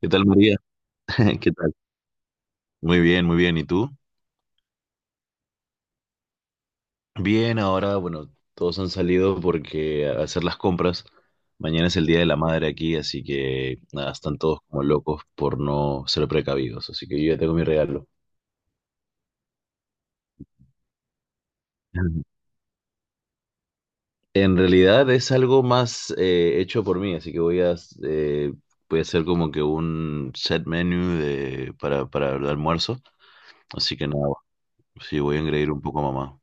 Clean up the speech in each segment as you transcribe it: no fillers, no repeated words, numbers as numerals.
¿Qué tal, María? ¿Qué tal? Muy bien, muy bien. ¿Y tú? Bien, ahora, bueno, todos han salido porque a hacer las compras. Mañana es el Día de la Madre aquí, así que nada, están todos como locos por no ser precavidos. Así que yo ya tengo mi regalo. Ujú. En realidad es algo más hecho por mí, así que eh, voy a hacer como que un set menu para el almuerzo. Así que nada, sí, voy a engreír un poco a mamá.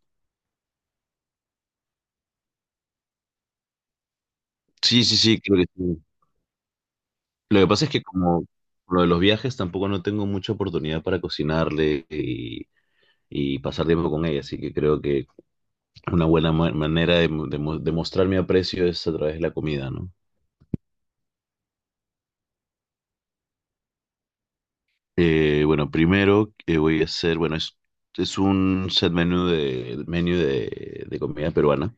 Sí, sí, sí, creo que sí. Lo que pasa es que como lo de los viajes tampoco no tengo mucha oportunidad para cocinarle y pasar tiempo con ella, así que creo que una buena manera de mostrar mi aprecio es a través de la comida, ¿no? Bueno, primero que voy a hacer, bueno, es un set menú de comida peruana.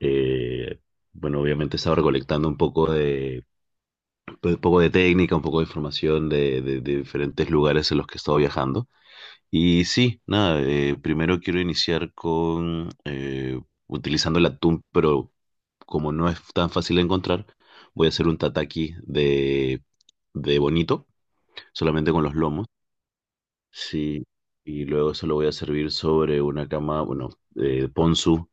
Eh, bueno, obviamente estaba recolectando un poco de, pues, un poco de técnica, un poco de información de diferentes lugares en los que he estado viajando. Y sí, nada, primero quiero iniciar con utilizando el atún, pero como no es tan fácil de encontrar, voy a hacer un tataki de bonito, solamente con los lomos. Sí, y luego eso lo voy a servir sobre una cama, bueno, ponzu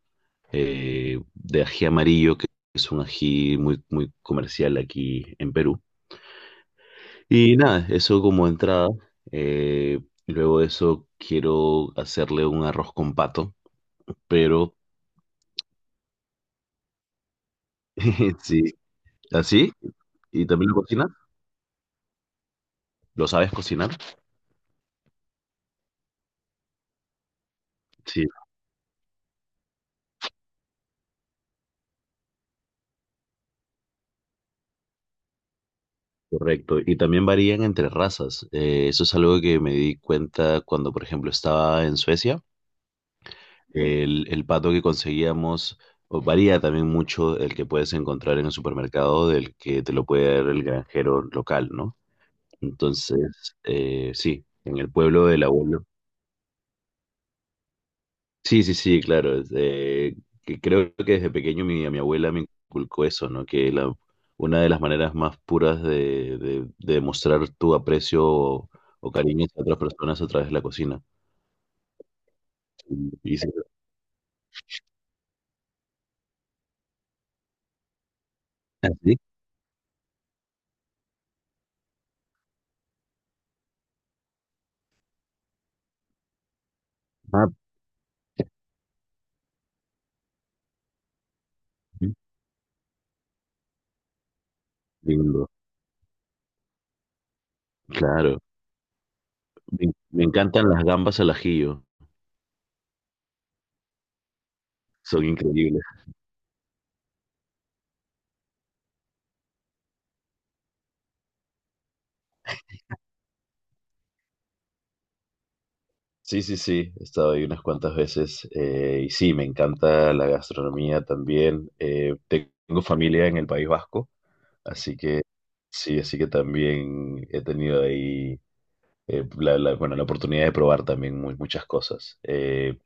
de ají amarillo, que es un ají muy, muy comercial aquí en Perú. Y nada, eso como entrada. eh, Luego de eso quiero hacerle un arroz con pato. Pero sí, así. ¿Y también lo cocinas? ¿Lo sabes cocinar? Sí, correcto. Y también varían entre razas. Eso es algo que me di cuenta cuando, por ejemplo, estaba en Suecia. El pato que conseguíamos o varía también mucho el que puedes encontrar en el supermercado del que te lo puede dar el granjero local, ¿no? Entonces, sí, en el pueblo del abuelo. Sí, sí, sí, claro. Es que creo que desde pequeño mi abuela me inculcó eso, ¿no? Que la, una de las maneras más puras de demostrar tu aprecio o cariño hacia otras personas es a través de la cocina. Y sí. ¿Ah, sí? Ah, ujú, lindo. Claro. Me encantan las gambas al ajillo. Son increíbles. Sí, sí, sí. He estado ahí unas cuantas veces. Y sí, me encanta la gastronomía también. Tengo familia en el País Vasco. Así que sí, así que también he tenido ahí bueno, la oportunidad de probar también muchas cosas.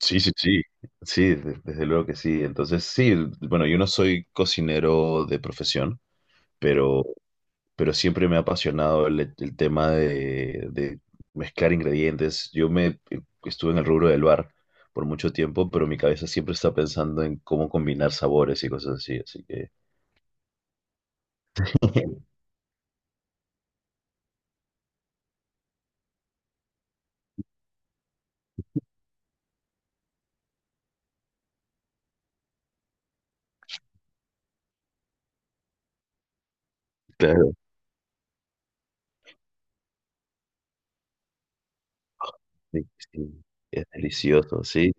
Sí, sí, sí, sí, desde luego que sí. Entonces sí, bueno, yo no soy cocinero de profesión, pero, pero siempre me ha apasionado el tema de mezclar ingredientes. Yo me estuve en el rubro del bar por mucho tiempo, pero mi cabeza siempre está pensando en cómo combinar sabores y cosas así, así que... Sí, sí, es delicioso, sí.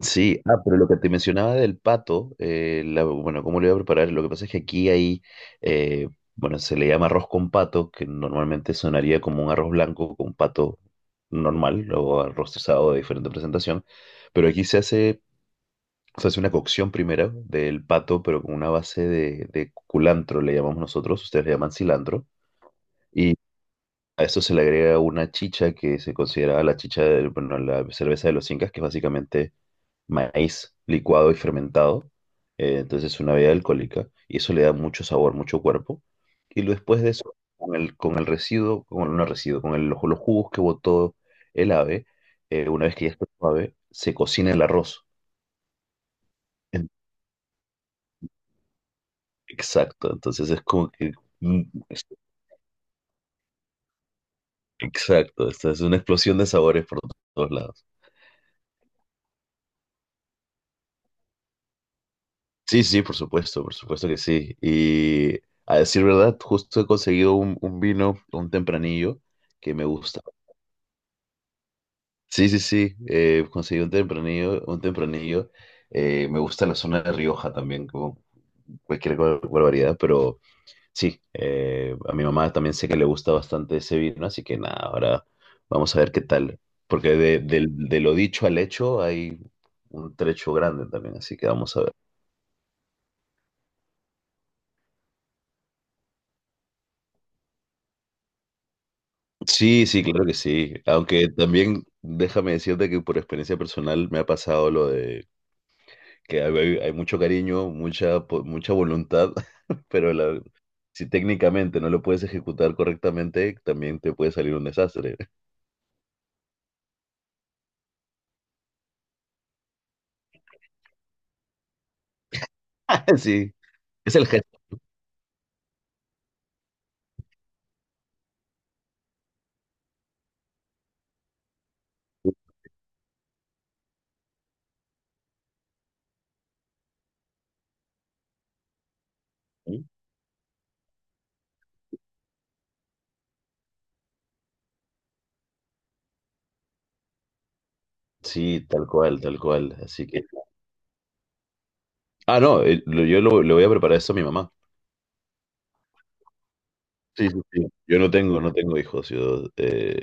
Sí, ah, pero lo que te mencionaba del pato, bueno, ¿cómo lo iba a preparar? Lo que pasa es que aquí hay, eh, bueno, se le llama arroz con pato, que normalmente sonaría como un arroz blanco con pato normal o arroz trozado de diferente presentación, pero aquí se hace una cocción primero del pato, pero con una base de culantro, le llamamos nosotros, ustedes le llaman cilantro. A esto se le agrega una chicha que se considera la chicha de, bueno, la cerveza de los incas, que es básicamente maíz licuado y fermentado. Entonces es una bebida alcohólica y eso le da mucho sabor, mucho cuerpo. Y después de eso, con el residuo, con no residuo, con los jugos que botó el ave, una vez que ya está suave, se cocina el arroz. En- Exacto, entonces es como que... mm, es- Exacto, esta es una explosión de sabores por todos lados. Sí, sí, por supuesto que sí. Y a decir verdad, justo he conseguido un vino, un tempranillo, que me gusta. Sí, sí, sí, conseguí un tempranillo, un tempranillo. Me gusta la zona de Rioja también, como cualquier barbaridad, pero sí, a mi mamá también sé que le gusta bastante ese vino, así que nada, ahora vamos a ver qué tal. Porque de lo dicho al hecho hay un trecho grande también, así que vamos a ver. Sí, sí, claro que sí. Aunque también déjame decirte que por experiencia personal me ha pasado lo de que hay mucho cariño, mucha, mucha voluntad, pero si técnicamente no lo puedes ejecutar correctamente, también te puede salir un desastre. Sí, es el gesto. ¿No? Sí, tal cual, tal cual. Así que... Ah, no, le voy a preparar esto a mi mamá. Sí, sí, sí. Yo no tengo, No tengo hijos. Yo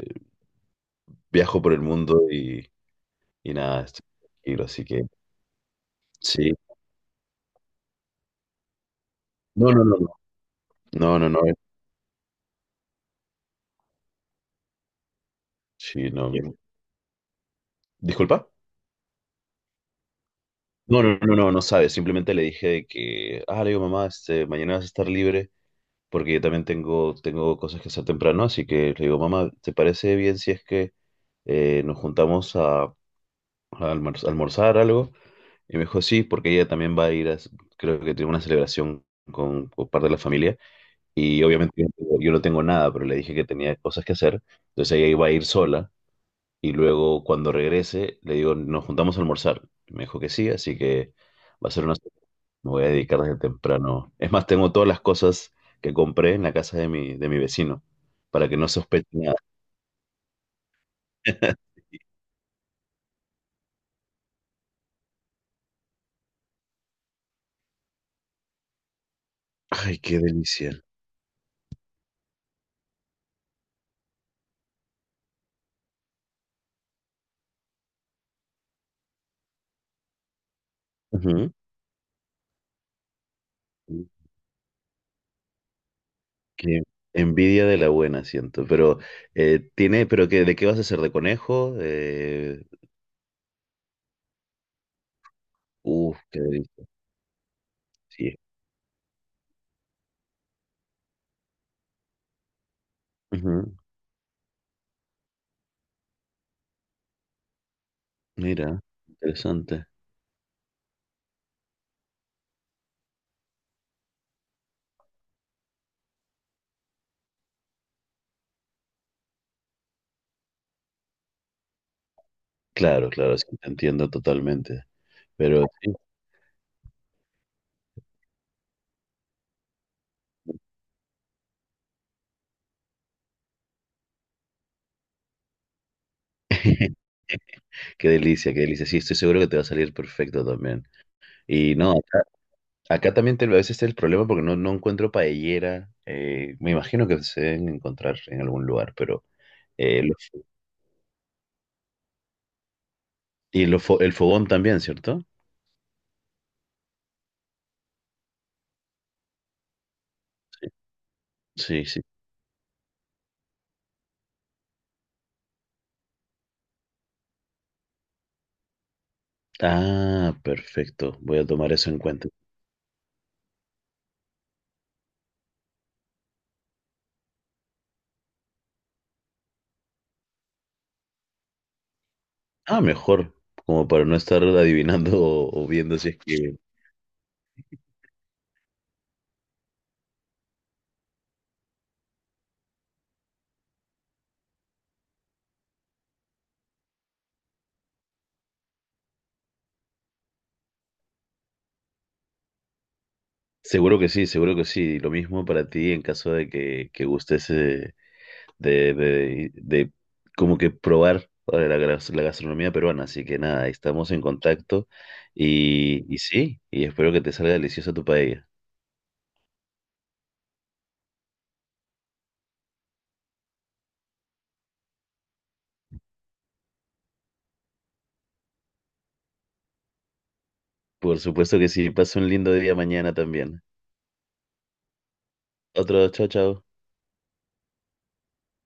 viajo por el mundo y nada, estoy tranquilo, así que sí. No, no, no. No. No, no, no. Eh, sí, no. Disculpa. No, no, no, no, no sabe. Simplemente le dije de que, ah, le digo, mamá, este, mañana vas a estar libre porque yo también tengo cosas que hacer temprano. Así que le digo, mamá, ¿te parece bien si es que nos juntamos a almorzar algo? Y me dijo, sí, porque ella también va a ir a, creo que tiene una celebración con parte de la familia. Y obviamente yo no tengo nada, pero le dije que tenía cosas que hacer. Entonces ella iba a ir sola. Y luego cuando regrese, le digo, nos juntamos a almorzar. Me dijo que sí, así que va a ser una... Me voy a dedicar desde temprano. Es más, tengo todas las cosas que compré en la casa de mi vecino, para que no sospeche nada. Ay, qué delicia. Ujú. Qué envidia de la buena, siento. Pero, tiene, pero qué, ¿de qué vas a hacer? ¿De conejo? Uf, qué delicia. Sí. Ujú. Mira, interesante. Claro, claro, sí, te entiendo totalmente. Pero sí, qué delicia, qué delicia. Sí, estoy seguro que te va a salir perfecto también. Y no, acá, acá también a veces está el problema porque no encuentro paellera. Me imagino que se deben encontrar en algún lugar, pero... eh, los- y los el fogón también, ¿cierto? Sí, sí. Ah, perfecto. Voy a tomar eso en cuenta. Ah, mejor, como para no estar adivinando o viendo si es que... Seguro que sí, seguro que sí. Lo mismo para ti en caso de que gustes de como que probar la gastronomía peruana. Así que nada, ahí estamos en contacto y sí, y espero que te salga deliciosa tu paella. Por supuesto que sí, pasa un lindo día mañana también. Otro, chao, chao.